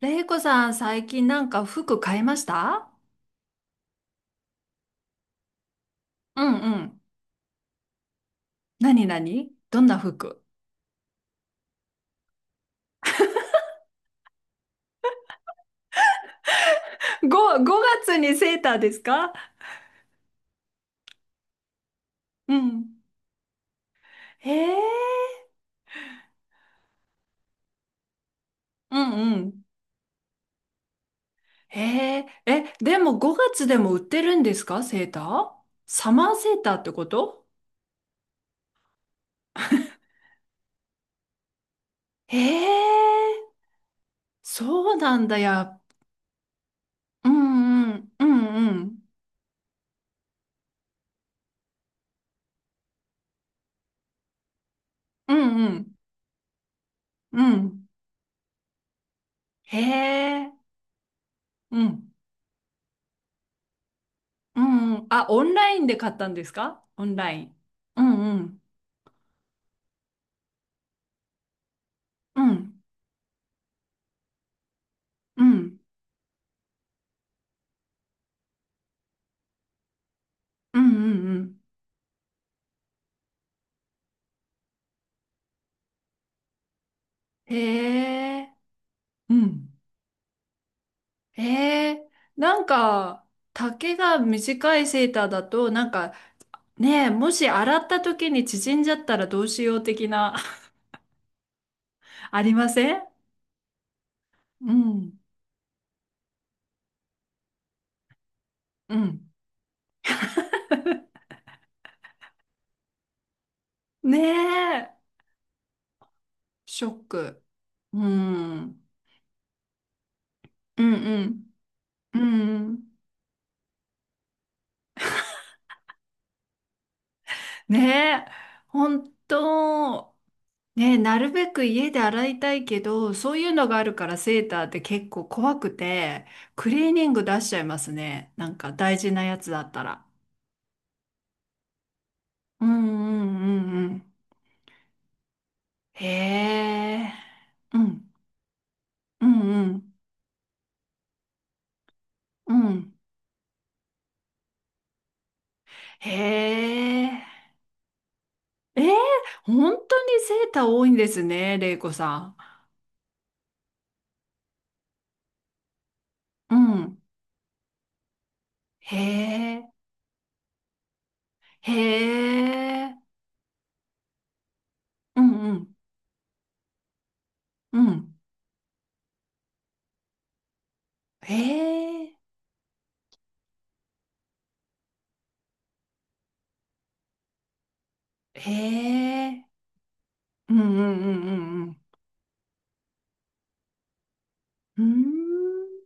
れいこさん、最近なんか服買いました？うんうん。なになにどんな服？5、5月にセーターですか？うん。へえ。うんうん。へえ、え、でも5月でも売ってるんですか、セーター？サマーセーターってこと？へえ、そうなんだや。うんうん、うんうん、うんうん、うん。へえ、うん、うんうん。あ、オンラインで買ったんですか、オンライン？うんうん。うん、うん、うん、うんうん。へえ、うん。へえ、なんか、丈が短いセーターだと、なんか、ねえ、もし洗った時に縮んじゃったらどうしよう的な。ありません？うん。うん。ねえ、ショック。うん。うんうん。うんうん。ねえ、本当。ね、なるべく家で洗いたいけど、そういうのがあるからセーターって結構怖くて、クリーニング出しちゃいますね、なんか大事なやつだったら。うんうんうんうん。へえ。うんうんうんうん。へえ。えー、本当にセーター多いんですね、れいこさん。うん。へえ。へえ。うんうんうん。へえ。へえ。うんうんうんうんうん。うーん。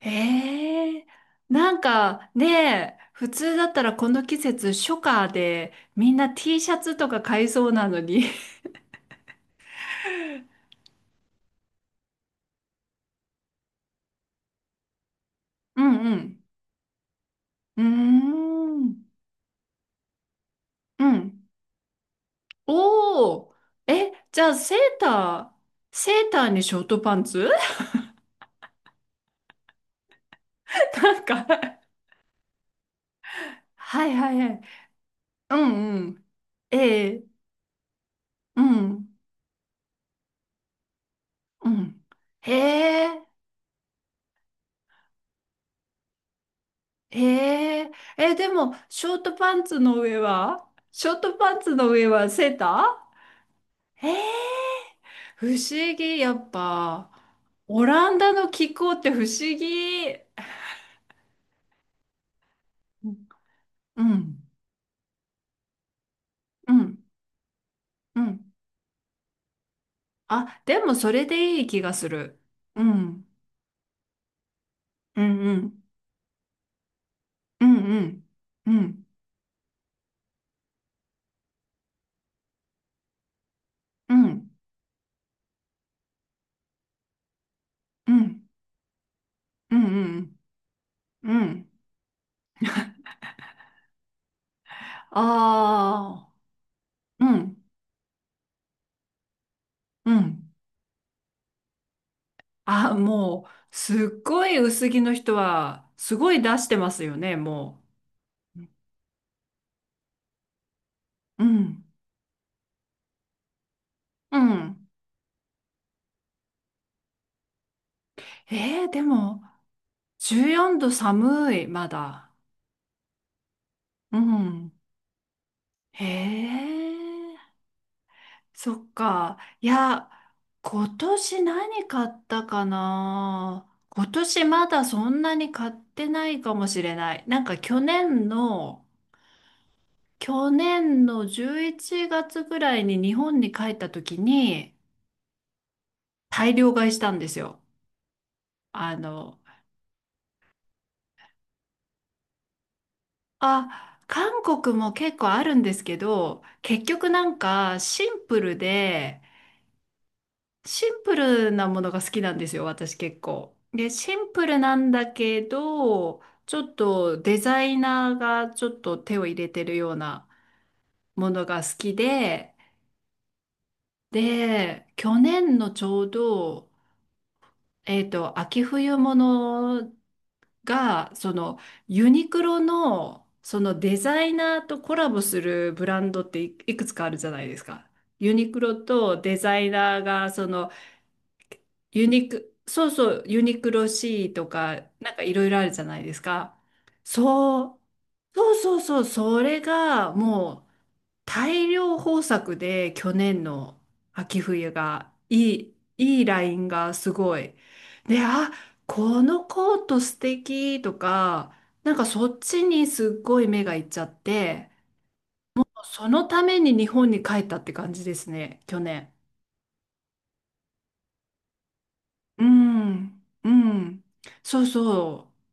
ええ。なんかね、普通だったらこの季節初夏でみんな T シャツとか買いそうなのに。うんうん。うーん。うん。おー。え、じゃあセーターにショートパンツ？ なんか、はいはいはい。うんうん。ええ。うん。うん。へえ。へえ、え、でも、ショートパンツの上はショートパンツの上はセーター？へえ、不思議、やっぱ。オランダの気候って不思議。うんうん、うん。うん。あ、でもそれでいい気がする。うん、うん、うん、うん、うん、うん、うん、うん、うん、うん、うん。ああ、うん、うん。あ、もう、すっごい薄着の人は、すごい出してますよね、もう。うん。うん。えー、でも、14度、寒い、まだ。うん。へえ、そっか。いや、今年何買ったかな。今年まだそんなに買ってないかもしれない。なんか去年の11月ぐらいに日本に帰った時に、大量買いしたんですよ。あの、あ、韓国も結構あるんですけど、結局なんかシンプルで、シンプルなものが好きなんですよ、私結構。で、シンプルなんだけど、ちょっとデザイナーがちょっと手を入れてるようなものが好きで、で、去年のちょうど、秋冬物が、そのユニクロのそのデザイナーとコラボするブランドっていいくつかあるじゃないですか。ユニクロとデザイナーがそのユニク、そうそう、ユニクロ C とか、なんかいろいろあるじゃないですか。そう、そうそうそう、それがもう大量豊作で去年の秋冬がいいラインがすごい。で、あ、このコート素敵とか、なんかそっちにすっごい目がいっちゃって、そのために日本に帰ったって感じですね、去年。うん、うん。そうそう。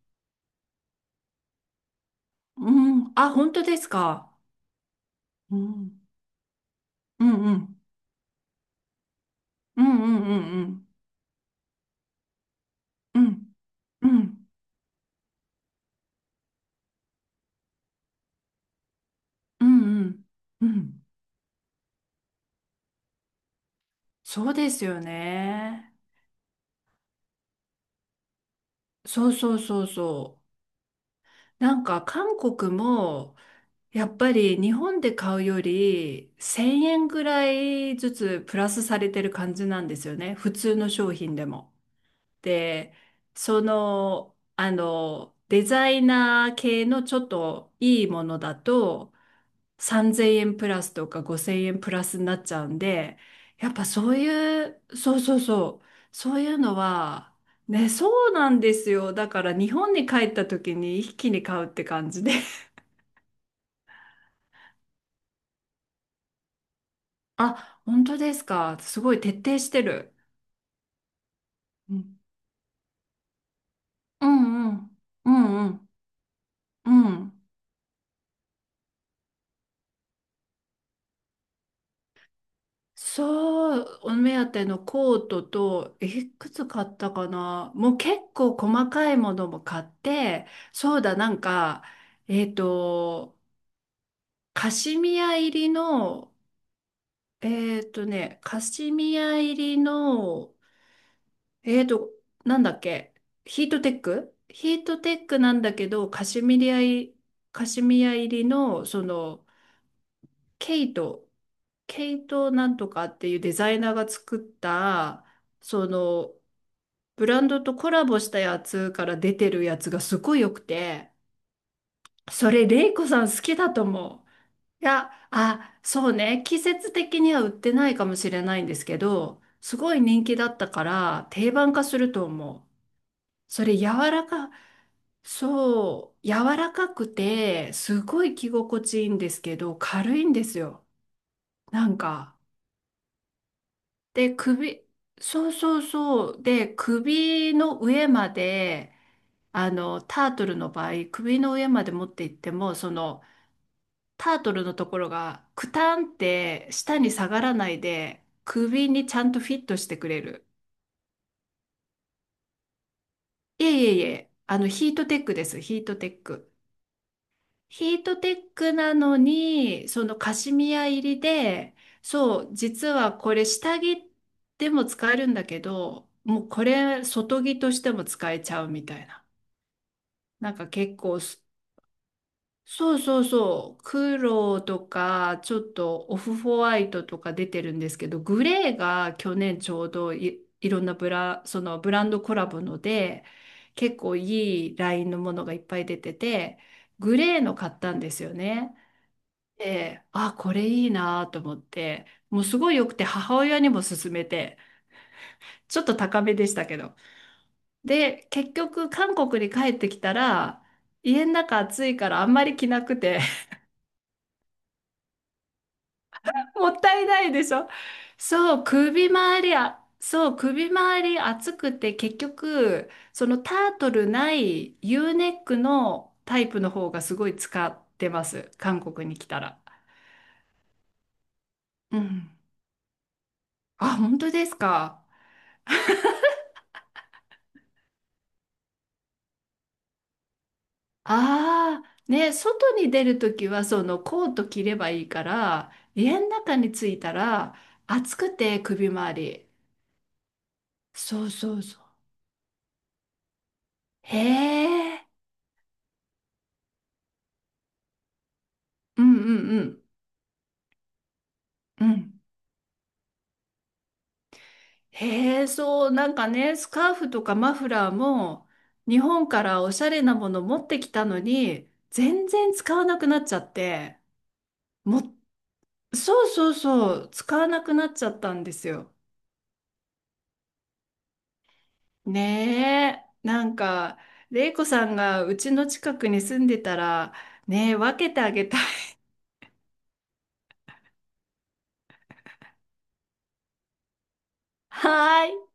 うん。あ、本当ですか。うん。うんうん。うんうんうんうん。うんうんうんうんうん。そうですよね。そうそうそうそう。なんか韓国もやっぱり日本で買うより1000円ぐらいずつプラスされてる感じなんですよね、普通の商品でも。で、デザイナー系のちょっといいものだと、3000円プラスとか5000円プラスになっちゃうんで、やっぱそういう、そうそうそう、そういうのは、ね、そうなんですよ。だから日本に帰った時に一気に買うって感じで。あ、本当ですか。すごい徹底してる。うんうんうん。うんうんうん。そう、お目当てのコートと、いくつ買ったかな、もう結構細かいものも買って、そうだ、なんか、えっと、カシミヤ入りの、えーっとね、カシミヤ入りの、えーっと、なんだっけ、ヒートテックなんだけど、カシミヤ入りの、その、ケイト、ケイトなんとかっていうデザイナーが作った、その、ブランドとコラボしたやつから出てるやつがすごい良くて、それ、レイコさん好きだと思う。いや、あ、そうね。季節的には売ってないかもしれないんですけど、すごい人気だったから定番化すると思う。それ柔らか、そう、柔らかくて、すごい着心地いいんですけど、軽いんですよ、なんか。で、そうそうそう。で、首の上まで、タートルの場合、首の上まで持っていっても、その、タートルのところが、クタンって下に下がらないで、首にちゃんとフィットしてくれる。いえいえいえ、ヒートテックです、ヒートテック。ヒートテックなのに、そのカシミヤ入りで、そう、実はこれ下着でも使えるんだけど、もうこれ外着としても使えちゃうみたいな。なんか結構、そうそうそう。黒とか、ちょっとオフホワイトとか出てるんですけど、グレーが去年ちょうどいろんなそのブランドコラボので、結構いいラインのものがいっぱい出てて、グレーの買ったんですよね。で、あ、これいいなと思って、もうすごい良くて母親にも勧めて、ちょっと高めでしたけど。で、結局韓国に帰ってきたら、家の中暑いからあんまり着なくて。 もったいないでしょ。そう、首周り、あ、そう、首周り熱くて結局、そのタートルない U ネックのタイプの方がすごい使ってます、韓国に来たら。うん。あ、本当ですか。ああ、ね、外に出るときはそのコート着ればいいから、家の中に着いたら暑くて首周り。そうそうそう。へえ。うんうんうん。うん。へえ、そう、なんかね、スカーフとかマフラーも、日本からおしゃれなもの持ってきたのに、全然使わなくなっちゃって、も、そうそうそう、使わなくなっちゃったんですよ。ねえ、なんか、れいこさんがうちの近くに住んでたら、ねえ、分けてあげたい。はーい。